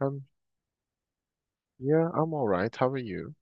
Um, yeah, I'm all right. How are you?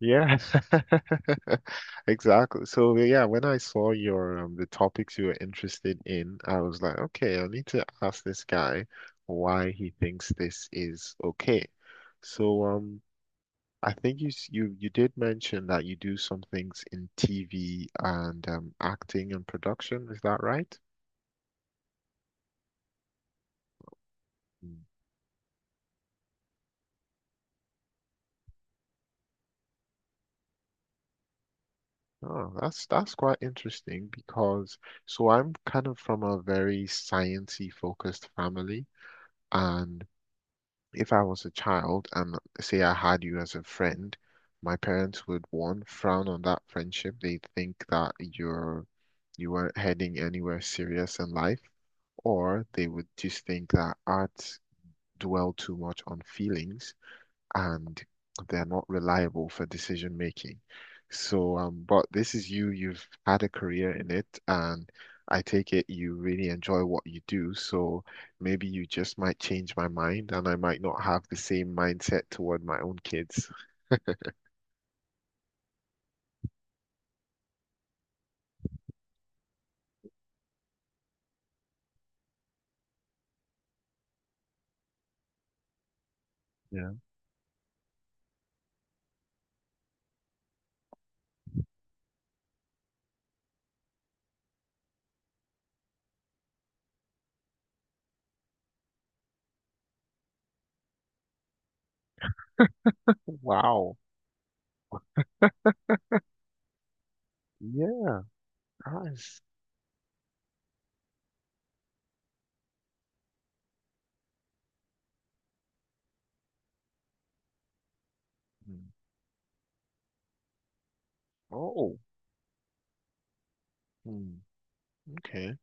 Yeah, exactly. So yeah, when I saw your the topics you were interested in, I was like, okay, I need to ask this guy why he thinks this is okay. So I think you did mention that you do some things in TV and acting and production. Is that right? Hmm. Oh, that's quite interesting because so I'm kind of from a very sciencey focused family, and if I was a child and say I had you as a friend, my parents would one frown on that friendship. They think that you weren't heading anywhere serious in life, or they would just think that arts dwell too much on feelings and they're not reliable for decision making. So, but this is you, you've had a career in it, and I take it you really enjoy what you do. So maybe you just might change my mind, and I might not have the same mindset toward my own kids. Yeah. Wow. Yeah. that's- hmm. Oh. Hmm. Okay.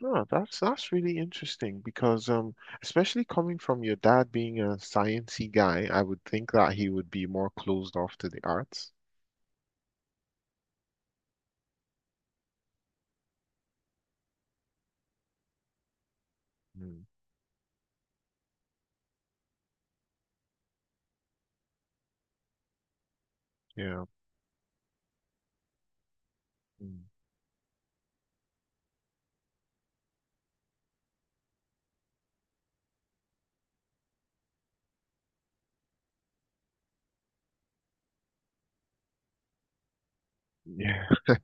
No, that's really interesting because especially coming from your dad being a sciencey guy, I would think that he would be more closed off to the arts. Mm, yeah. Mm, yeah.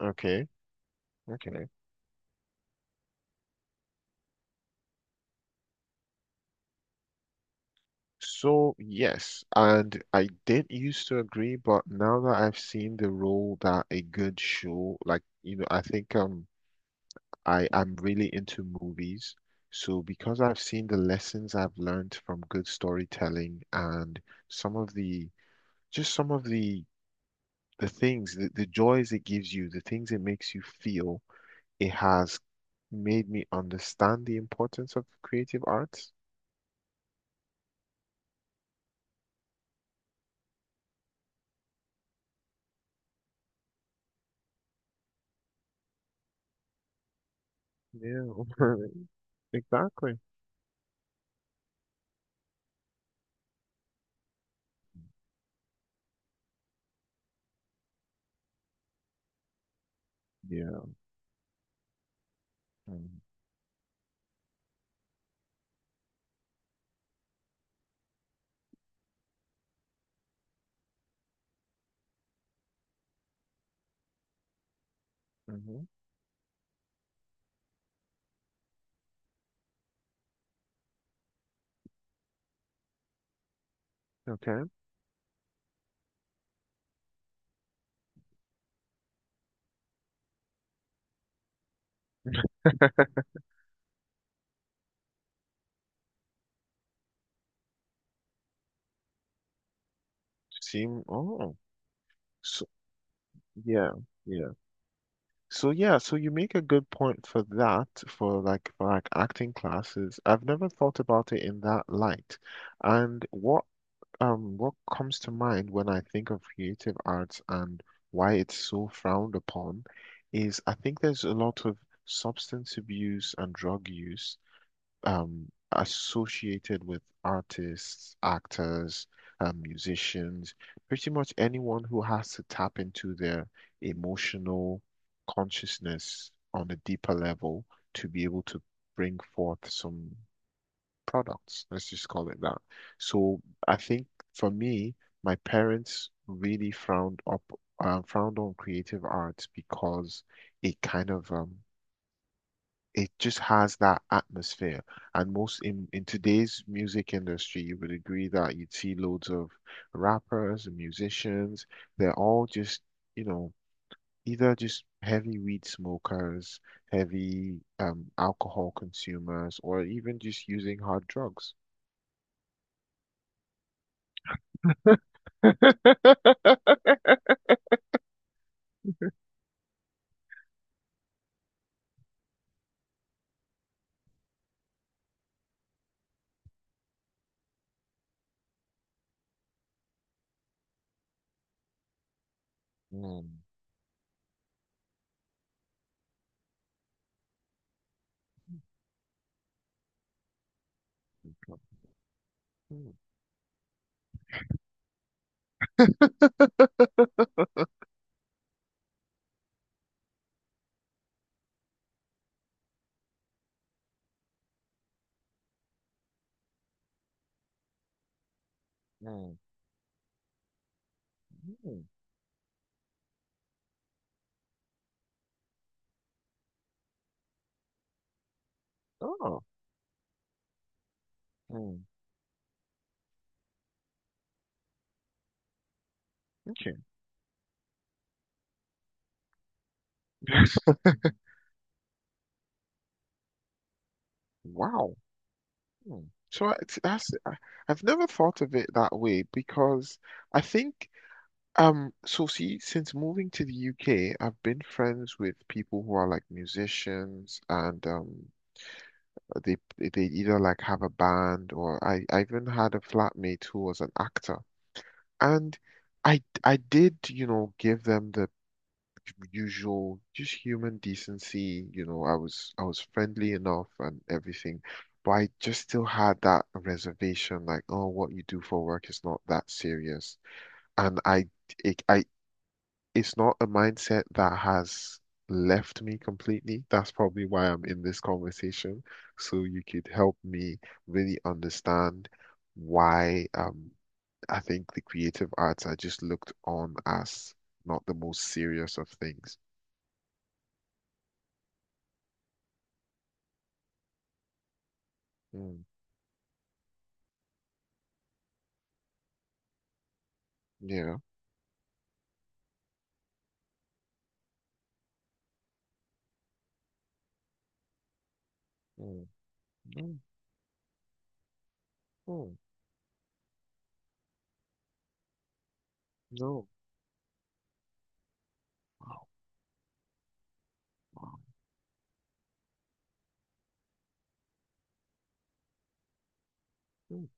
Okay. Okay. So yes, and I did used to agree, but now that I've seen the role that a good show, like, I think I'm really into movies. So because I've seen the lessons I've learned from good storytelling and some of the just some of the things, the joys it gives you, the things it makes you feel. It has made me understand the importance of creative arts. Yeah, exactly. Yeah. Mm-hmm. Okay. Seem, oh, so yeah, yeah. So yeah, so you make a good point for that, for for like acting classes. I've never thought about it in that light. And what What comes to mind when I think of creative arts and why it's so frowned upon is I think there's a lot of substance abuse and drug use, associated with artists, actors, musicians, pretty much anyone who has to tap into their emotional consciousness on a deeper level to be able to bring forth some products. Let's just call it that. So I think for me, my parents really frowned on creative arts because it kind of it just has that atmosphere. And most in today's music industry, you would agree that you'd see loads of rappers and musicians. They're all just, you know, either just heavy weed smokers, heavy, alcohol consumers, or even just using hard drugs. Mm, mm, mm, mm. Oh, mm, okay. Wow. Hmm. So I- t- that's I, I've never thought of it that way because I think so see since moving to the UK I've been friends with people who are like musicians and they they either like have a band or I even had a flatmate who was an actor. And I did, you know, give them the usual just human decency, you know, I was friendly enough and everything, but I just still had that reservation like, oh, what you do for work is not that serious. And I it, I It's not a mindset that has left me completely. That's probably why I'm in this conversation. So you could help me really understand why, I think the creative arts are just looked on as not the most serious of things. Mm, yeah. Mm, mm, mm, no. Wow. Wow. Mm.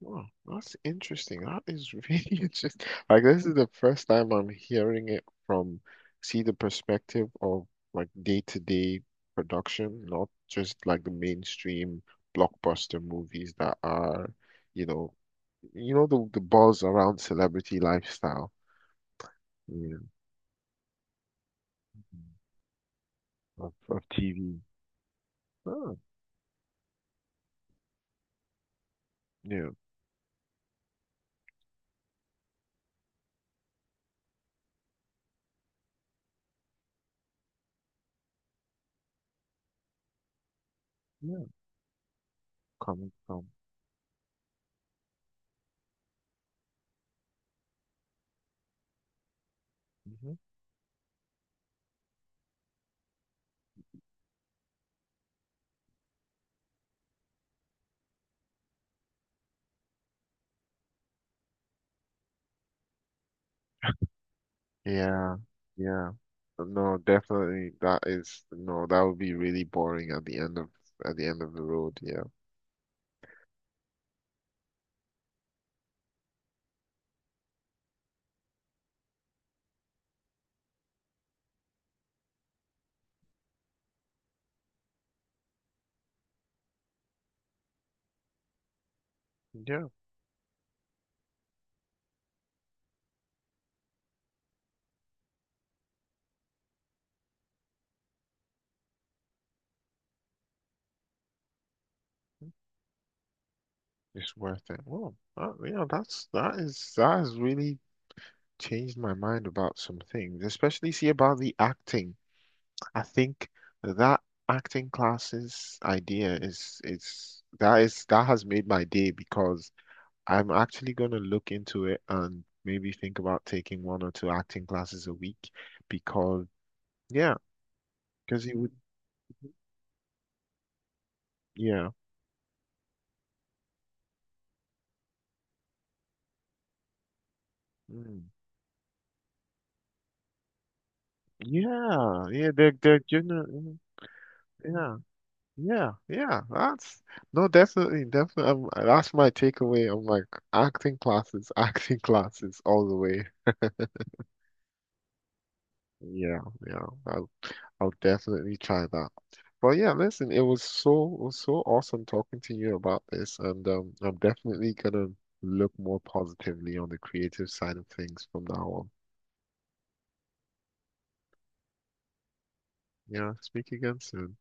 Wow, that's interesting. That is really interesting. Like this is the first time I'm hearing it from, see the perspective of like day-to-day production, not just like the mainstream blockbuster movies that are, you know, you know the buzz around celebrity lifestyle, you know, of TV. Oh, yeah, yeah, coming from. Mm-hmm. Yeah, yeah. No, definitely that is no, that would be really boring at the end of at the end of the road, yeah. Yeah, it's worth it. Well, that, you know, that's that is that has really changed my mind about some things, especially see about the acting. I think that acting classes idea is that has made my day because I'm actually gonna look into it and maybe think about taking one or two acting classes a week because. Yeah, because he would. Yeah. Mm. Yeah. Yeah. They're generally. Yeah. Yeah. Yeah. That's no, definitely, definitely. That's my takeaway. I'm like acting classes, acting classes all the way. Yeah. Yeah. I'll definitely try that. But yeah, listen, it was so awesome talking to you about this, and I'm definitely gonna look more positively on the creative side of things from now on. Yeah. Speak again soon.